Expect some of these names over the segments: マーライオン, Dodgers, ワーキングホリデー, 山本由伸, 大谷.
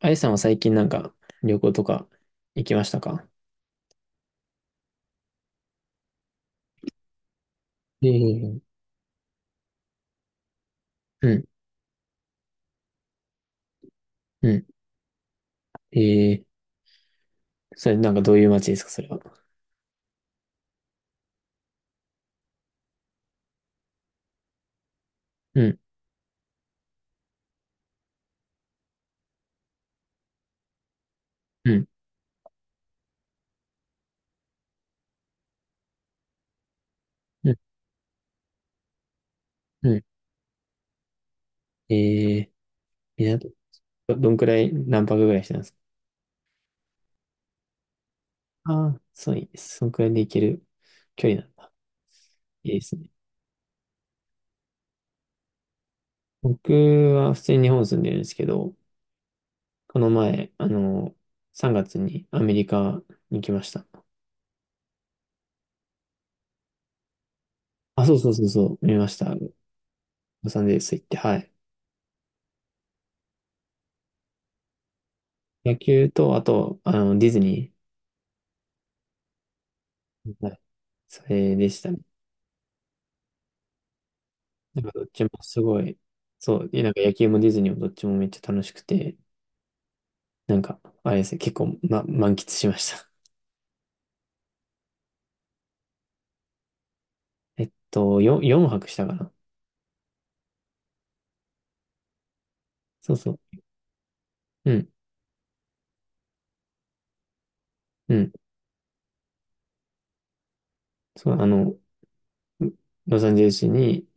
あゆさんは最近なんか旅行とか行きましたか？ええ、うん、うん。ええ。それなんかどういう街ですか、それは？うん、うん、うん、うん。えー。港、どんくらい、何泊ぐらいしてたんですか？ああー、そういいです、そんくらいで行ける距離なんだ。いいですね。僕は普通に日本住んでるんですけど、この前、3月にアメリカに来ました。あ、そうそうそうそう、見ました。ロサンゼルス行って、はい。野球と、あと、ディズニー、それでしたね。なんかどっちもすごい、そう、でなんか野球もディズニーもどっちもめっちゃ楽しくて、なんか、あれですね、結構、ま、満喫しました。4、4泊したかな。そうそう。うん、うん。そう、ロサンゼルスに、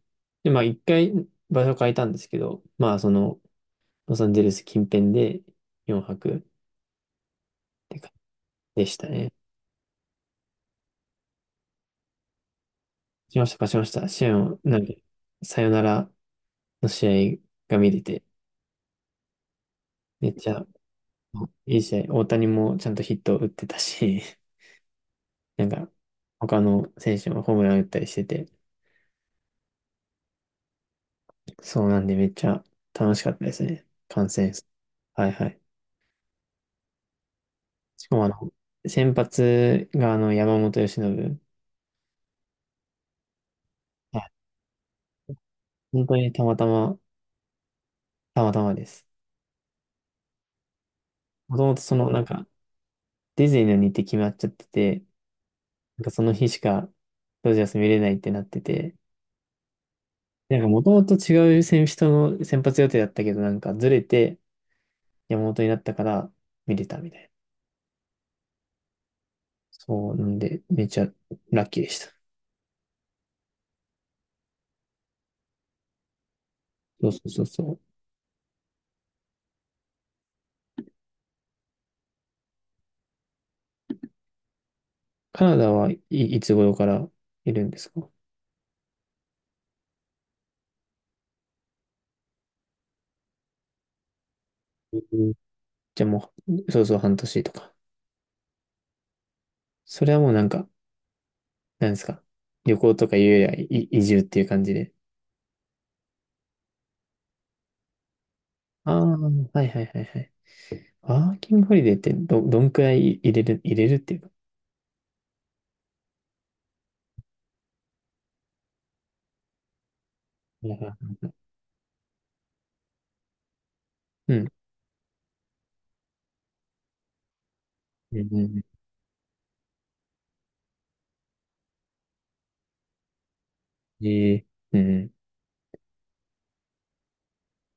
で、まあ一回場所変えたんですけど、まあロサンゼルス近辺で4泊って感じでしたね。しました、勝ちました。試合を、なんか、さよならの試合が見れて、めっちゃいい試合、大谷もちゃんとヒット打ってたし、なんか、他の選手もホームラン打ったりしてて、そうなんでめっちゃ楽しかったですね。観戦。はいはい。しかも先発が山本由伸。はい、本当にたまたま、たまたまです。もともとなんか、ディズニーの日程決まっちゃってて、なんかその日しか、ドジャース見れないってなってて、なんかもともと違う選手との先発予定だったけど、なんかずれて、山本になったから見れたみたいな。そう、なんで、めちゃラッキーでした。そうそうそうそう。カナダ、はい、いつ頃からいるんですか？うん。じゃあもう、そうそう半年とか。それはもうなんか、なんですか。旅行とかいうより、はい、移住っていう感じで。ああ、はいはいはいはい。ワーキングホリデーってどんくらい入れる、入れるっていうか。いや、うん。うんうんうん、ええ、うん。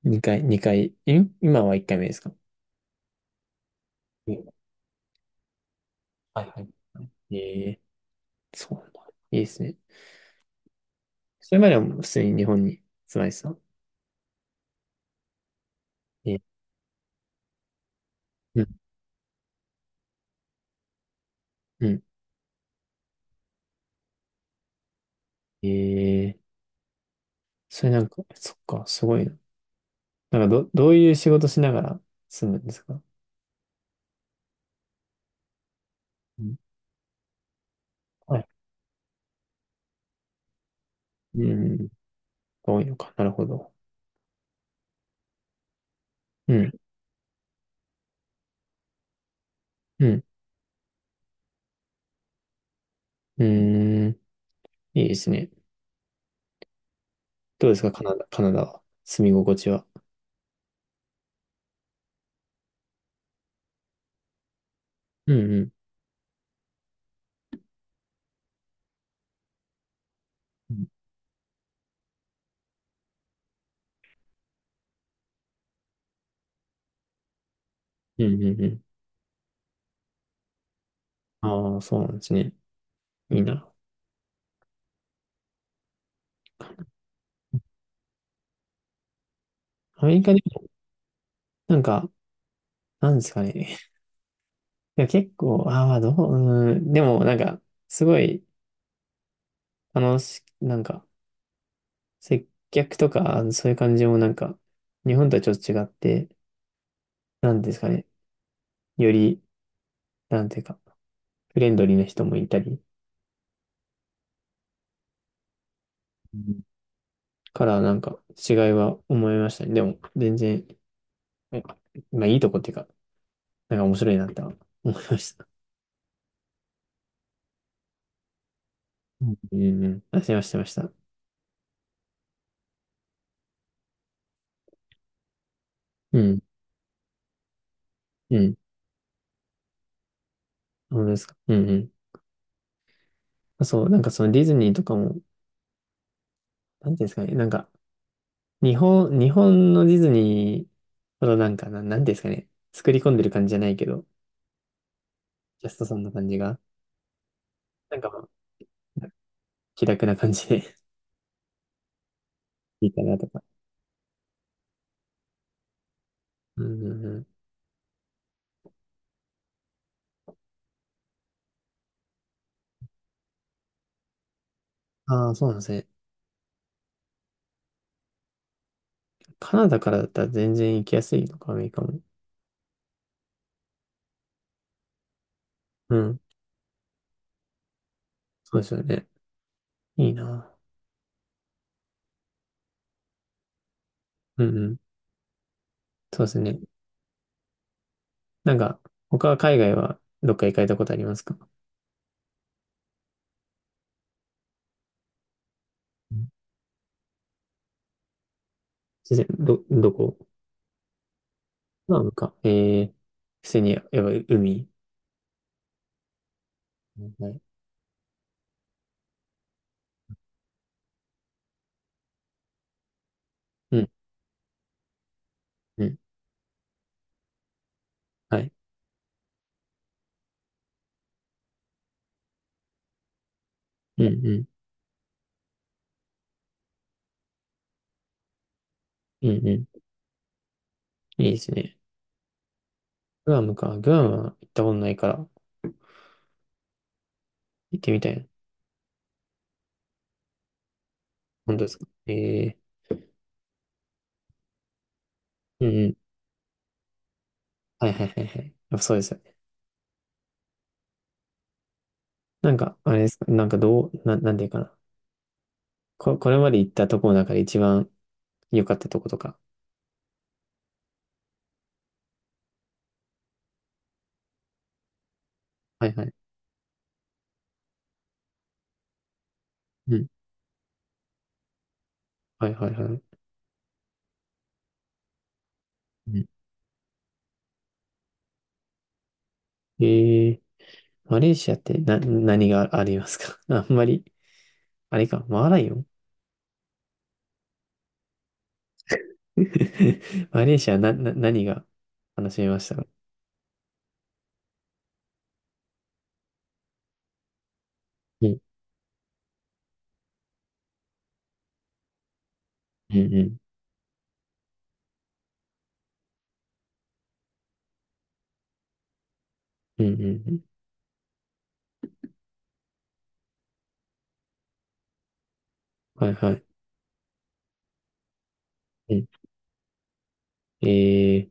2回、今は1回目ですか？うん。はいはい。ええ、そうなんだ。いいですね。それまでは普通に日本に住まれてたの？えー。うんうん。えー、それなんか、そっか、すごいな。なんかどういう仕事しながら住むんですか？うん、はい。うん。多いのか。なるほど。うん。うん。うーん。いいですね。どうですか、カナダは。住み心地は。うんうん。うんうんうん、うん。ああ、そうなんですね。いいな。アメリカで、なんか、なんですかね。いや、結構、ああ、どう、うーん。でも、なんか、すごい楽し、なんか、接客とか、そういう感じもなんか、日本とはちょっと違って、なんですかね、より、なんていうか、フレンドリーな人もいたり、うん。からなんか違いは思いましたね。でも、全然、えまあいいとこっていうか、なんか面白いなって思いました。うんうんうん。あ、してました、してました。うん、うん。本当ですか。うんうん。あ、そう、なんかそのディズニーとかも、なんていうんですかね、なんか、日本のディズニーほどなんか、なんていうんですかね、作り込んでる感じじゃないけど、ジャストさんの感じが、なんかまあ、気楽な感じで いいかなとか。うんうんうん。ああ、そうなんですね。カナダからだったら全然行きやすいのか、アメリカも。うん。そうですよね。いいな。うんうん。そうですね。なんか、他は海外はどっか行かれたことありますか？うん。全然、どこ。まあなムか。えー、普通に、やっぱ海。はい。うん、うん。はい。うん、うん。うん、うん。いいですね。グアムか。グアムは行ったことないから、行ってみたいな。本当ですか？えー、うん、うん、はいはいはいはい。あ、そうですよね。なんか、あれですか、なんかどう、なんていうかな。これまで行ったとこの中で一番良かったとことか。はいはい。うん。はいはいはい。うん、えー、マレーシアって何がありますか？ あんまり、あれか、マーライオン マレーシア何が楽しめましたか？うん、うん、うん、うん、うんうん。はいはい。うん、え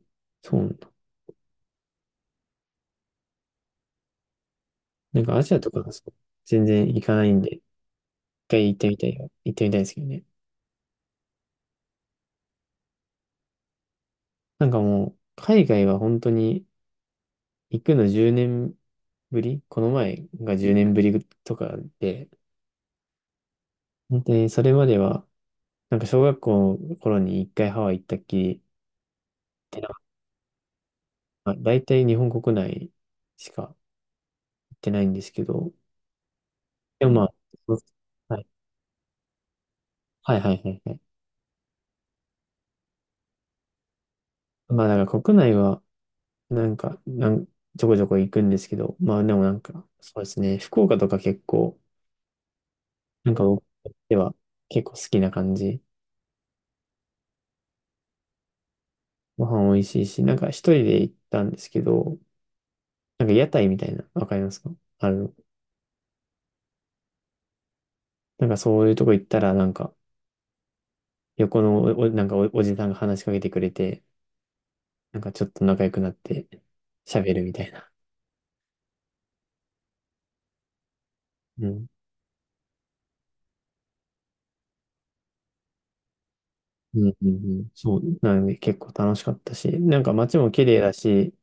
ー、そうなんだ。なんかアジアとかがそう、全然行かないんで、一回行ってみたいよ。行ってみたいですけどね。なんかもう、海外は本当に行くの10年ぶり、この前が10年ぶりとかで、本当にそれまでは、なんか小学校の頃に一回ハワイ行ったっきりで、なんか大体日本国内しか行ってないんですけど、でもまあ、そう、はいはいはいはいはい。まあだから国内は、なんか、ちょこちょこ行くんですけど、まあでもなんか、そうですね、福岡とか結構、なんか僕としては結構好きな感じ。ご飯美味しいし、なんか一人で行ったんですけど、なんか屋台みたいな、わかりますか？あの、なんかそういうとこ行ったら、なんか横のなんかおじさんが話しかけてくれて、なんかちょっと仲良くなって喋るみたいな。うん。うんうんうん。そう。なんで結構楽しかったし、なんか街も綺麗だし、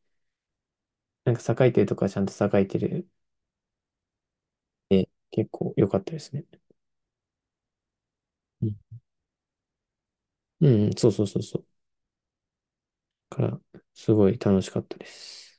なんか栄えてるとかちゃんと栄えてる、結構良かったですね。うん、うんうん、そうそうそうそう。から、すごい楽しかったです。